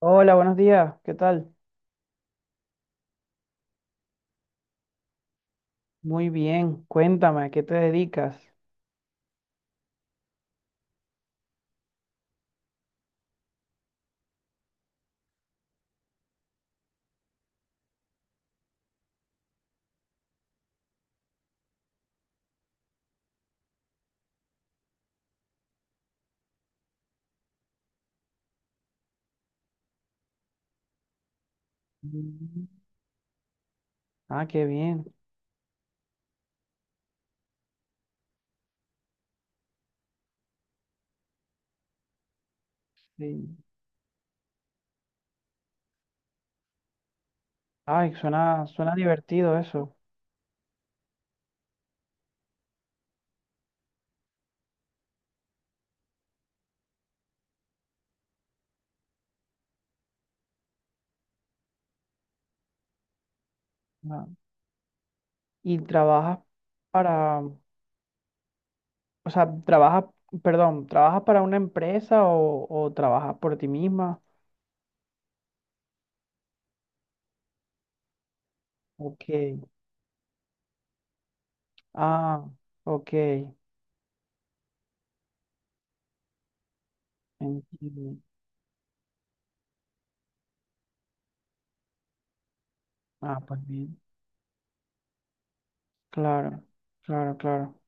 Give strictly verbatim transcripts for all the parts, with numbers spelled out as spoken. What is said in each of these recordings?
Hola, buenos días. ¿Qué tal? Muy bien. Cuéntame, ¿a qué te dedicas? Mm. Ah, qué bien. Sí. Ay, suena, suena divertido eso. Ah, ¿y trabajas para, o sea, trabajas, perdón, trabajas para una empresa o, o trabajas por ti misma? Ok. Ah, ok. Entiendo. Ah, pues bien. Claro, claro, claro.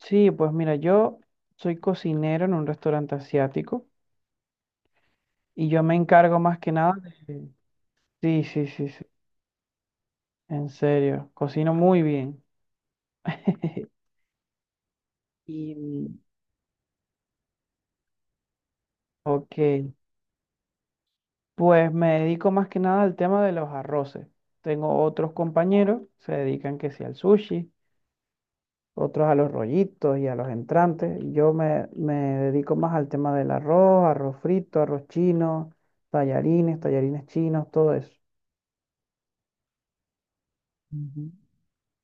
Sí, pues mira, yo soy cocinero en un restaurante asiático. Y yo me encargo más que nada de... Sí, sí, sí, sí. En serio, cocino muy bien. Y, ok, pues me dedico más que nada al tema de los arroces. Tengo otros compañeros, se dedican que sí al sushi, otros a los rollitos y a los entrantes. Y Yo me, me dedico más al tema del arroz, arroz frito, arroz chino, tallarines, tallarines chinos, todo eso. Ujú.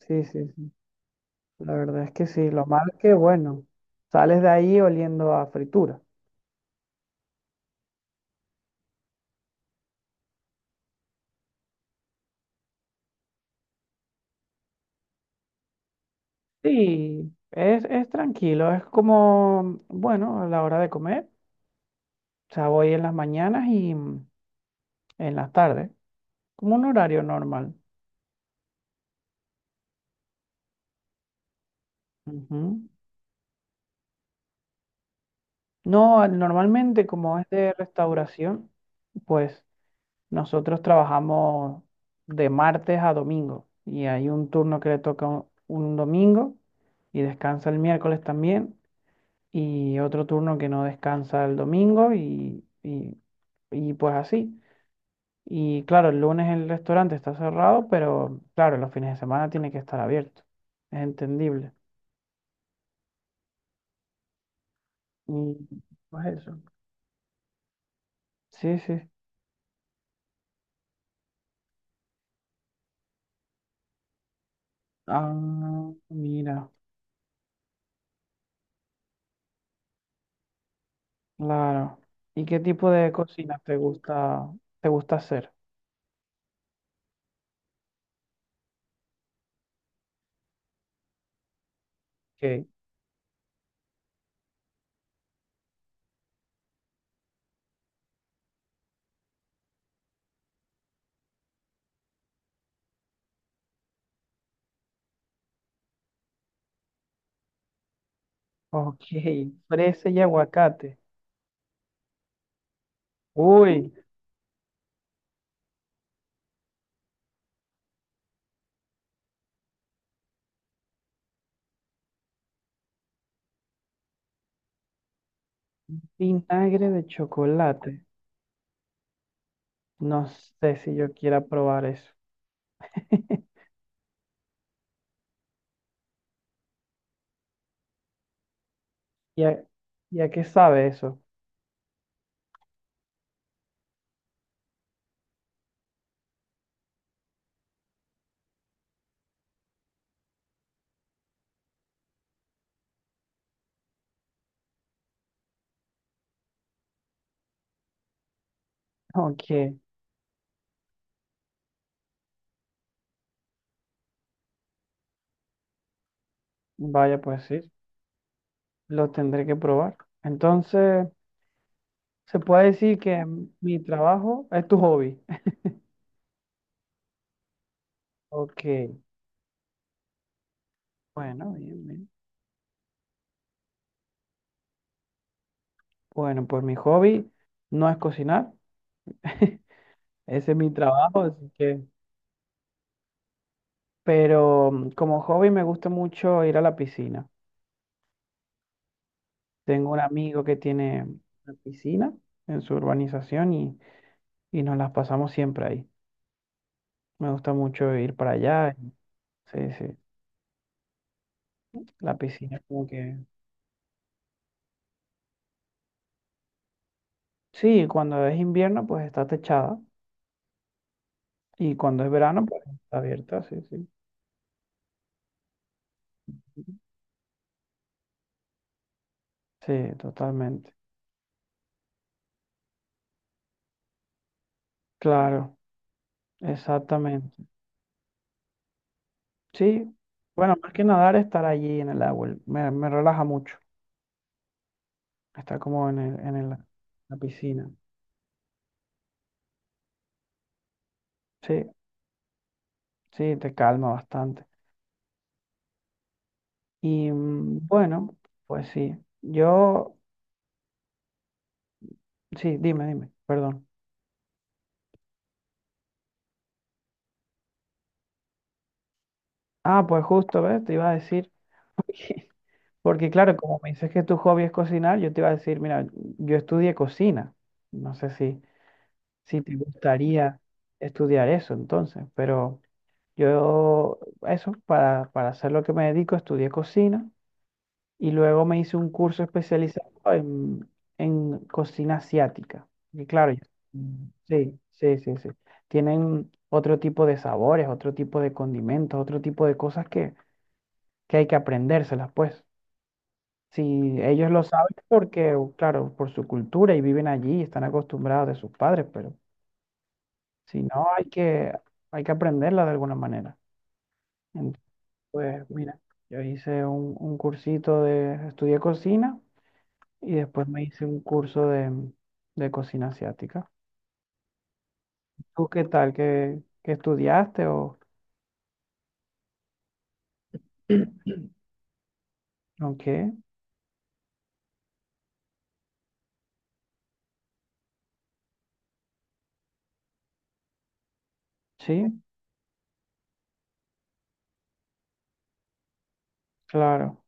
Sí, sí, sí. La verdad es que sí, lo malo es que, bueno, sales de ahí oliendo a fritura. Sí, es, es tranquilo, es como, bueno, a la hora de comer, o sea, voy en las mañanas y mm, en las tardes, como un horario normal. Ujú. No, normalmente como es de restauración, pues nosotros trabajamos de martes a domingo y hay un turno que le toca un un domingo y descansa el miércoles también. Y otro turno que no descansa el domingo y, y, y pues así. Y claro, el lunes el restaurante está cerrado, pero claro, los fines de semana tiene que estar abierto. Es entendible. Y pues eso. Sí, sí. Ah, mira, claro. ¿Y qué tipo de cocina te gusta, te gusta hacer? Ok, ok, fresa y aguacate. Uy, vinagre de chocolate. No sé si yo quiera probar eso. ¿Y a, y a qué sabe eso? Ok, vaya, pues sí, lo tendré que probar. Entonces, se puede decir que mi trabajo es tu hobby. Ok, bueno, bien, bien. Bueno, pues mi hobby no es cocinar. Ese es mi trabajo, así que... Pero mm, como hobby me gusta mucho ir a la piscina. Tengo un amigo que tiene una piscina en su urbanización y, y nos las pasamos siempre ahí. Me gusta mucho ir para allá. Sí, sí. La piscina como que... Sí, cuando es invierno pues está techada y cuando es verano pues está abierta, sí, sí. Sí, totalmente. Claro, exactamente. Sí, bueno, más que nadar, estar allí en el agua me, me relaja mucho. Estar como en el, en el- la piscina. Sí, sí, te calma bastante. Y mm, bueno, pues sí, yo, sí, dime, dime, perdón. Ah, pues justo, ¿ves? Te iba a decir. Porque claro, como me dices que tu hobby es cocinar, yo te iba a decir, mira, yo estudié cocina. No sé si, si te gustaría estudiar eso entonces, pero yo eso, para, para hacer lo que me dedico, estudié cocina y luego me hice un curso especializado en, en cocina asiática. Y claro, yo- Mm. Sí, sí, sí, sí. Tienen otro tipo de sabores, otro tipo de condimentos, otro tipo de cosas que, que hay que aprendérselas, pues. Si ellos lo saben porque, claro, por su cultura y viven allí, están acostumbrados de sus padres, pero si no, hay que, hay que aprenderla de alguna manera. Entonces, pues mira, yo hice un, un cursito de, estudié cocina y después me hice un curso de, de cocina asiática. ¿Tú qué tal? ¿Qué, qué estudiaste o, o qué? Sí, claro.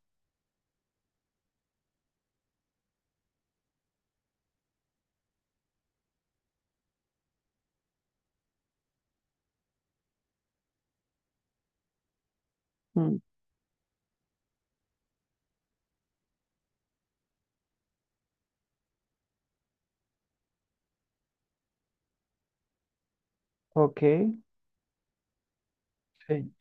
Mm, ok, sí.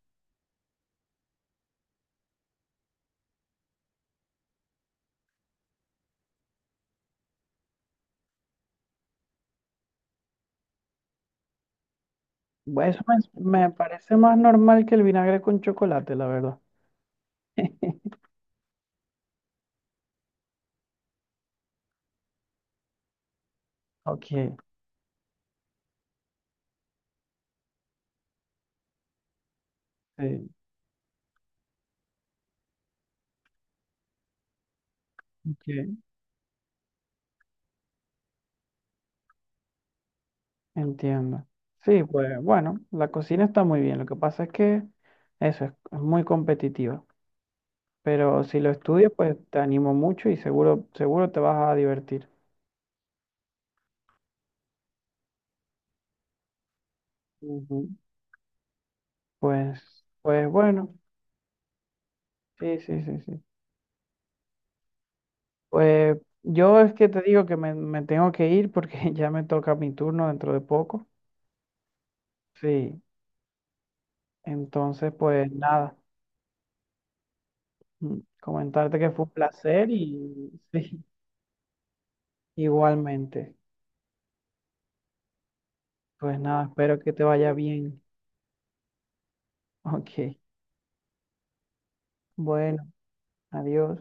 Bueno, eso me me parece más normal que el vinagre con chocolate, la verdad. Ok, sí, ok, entiendo. Sí, pues bueno, la cocina está muy bien. Lo que pasa es que eso es, es muy competitiva. Pero si lo estudias, pues te animo mucho y seguro, seguro te vas a divertir. Ujú. Pues, pues bueno, sí, sí, sí, sí. Pues yo es que te digo que me, me tengo que ir porque ya me toca mi turno dentro de poco. Sí, entonces pues nada, mm, comentarte que fue un placer y sí, igualmente. Pues nada, espero que te vaya bien. Ok, bueno, adiós.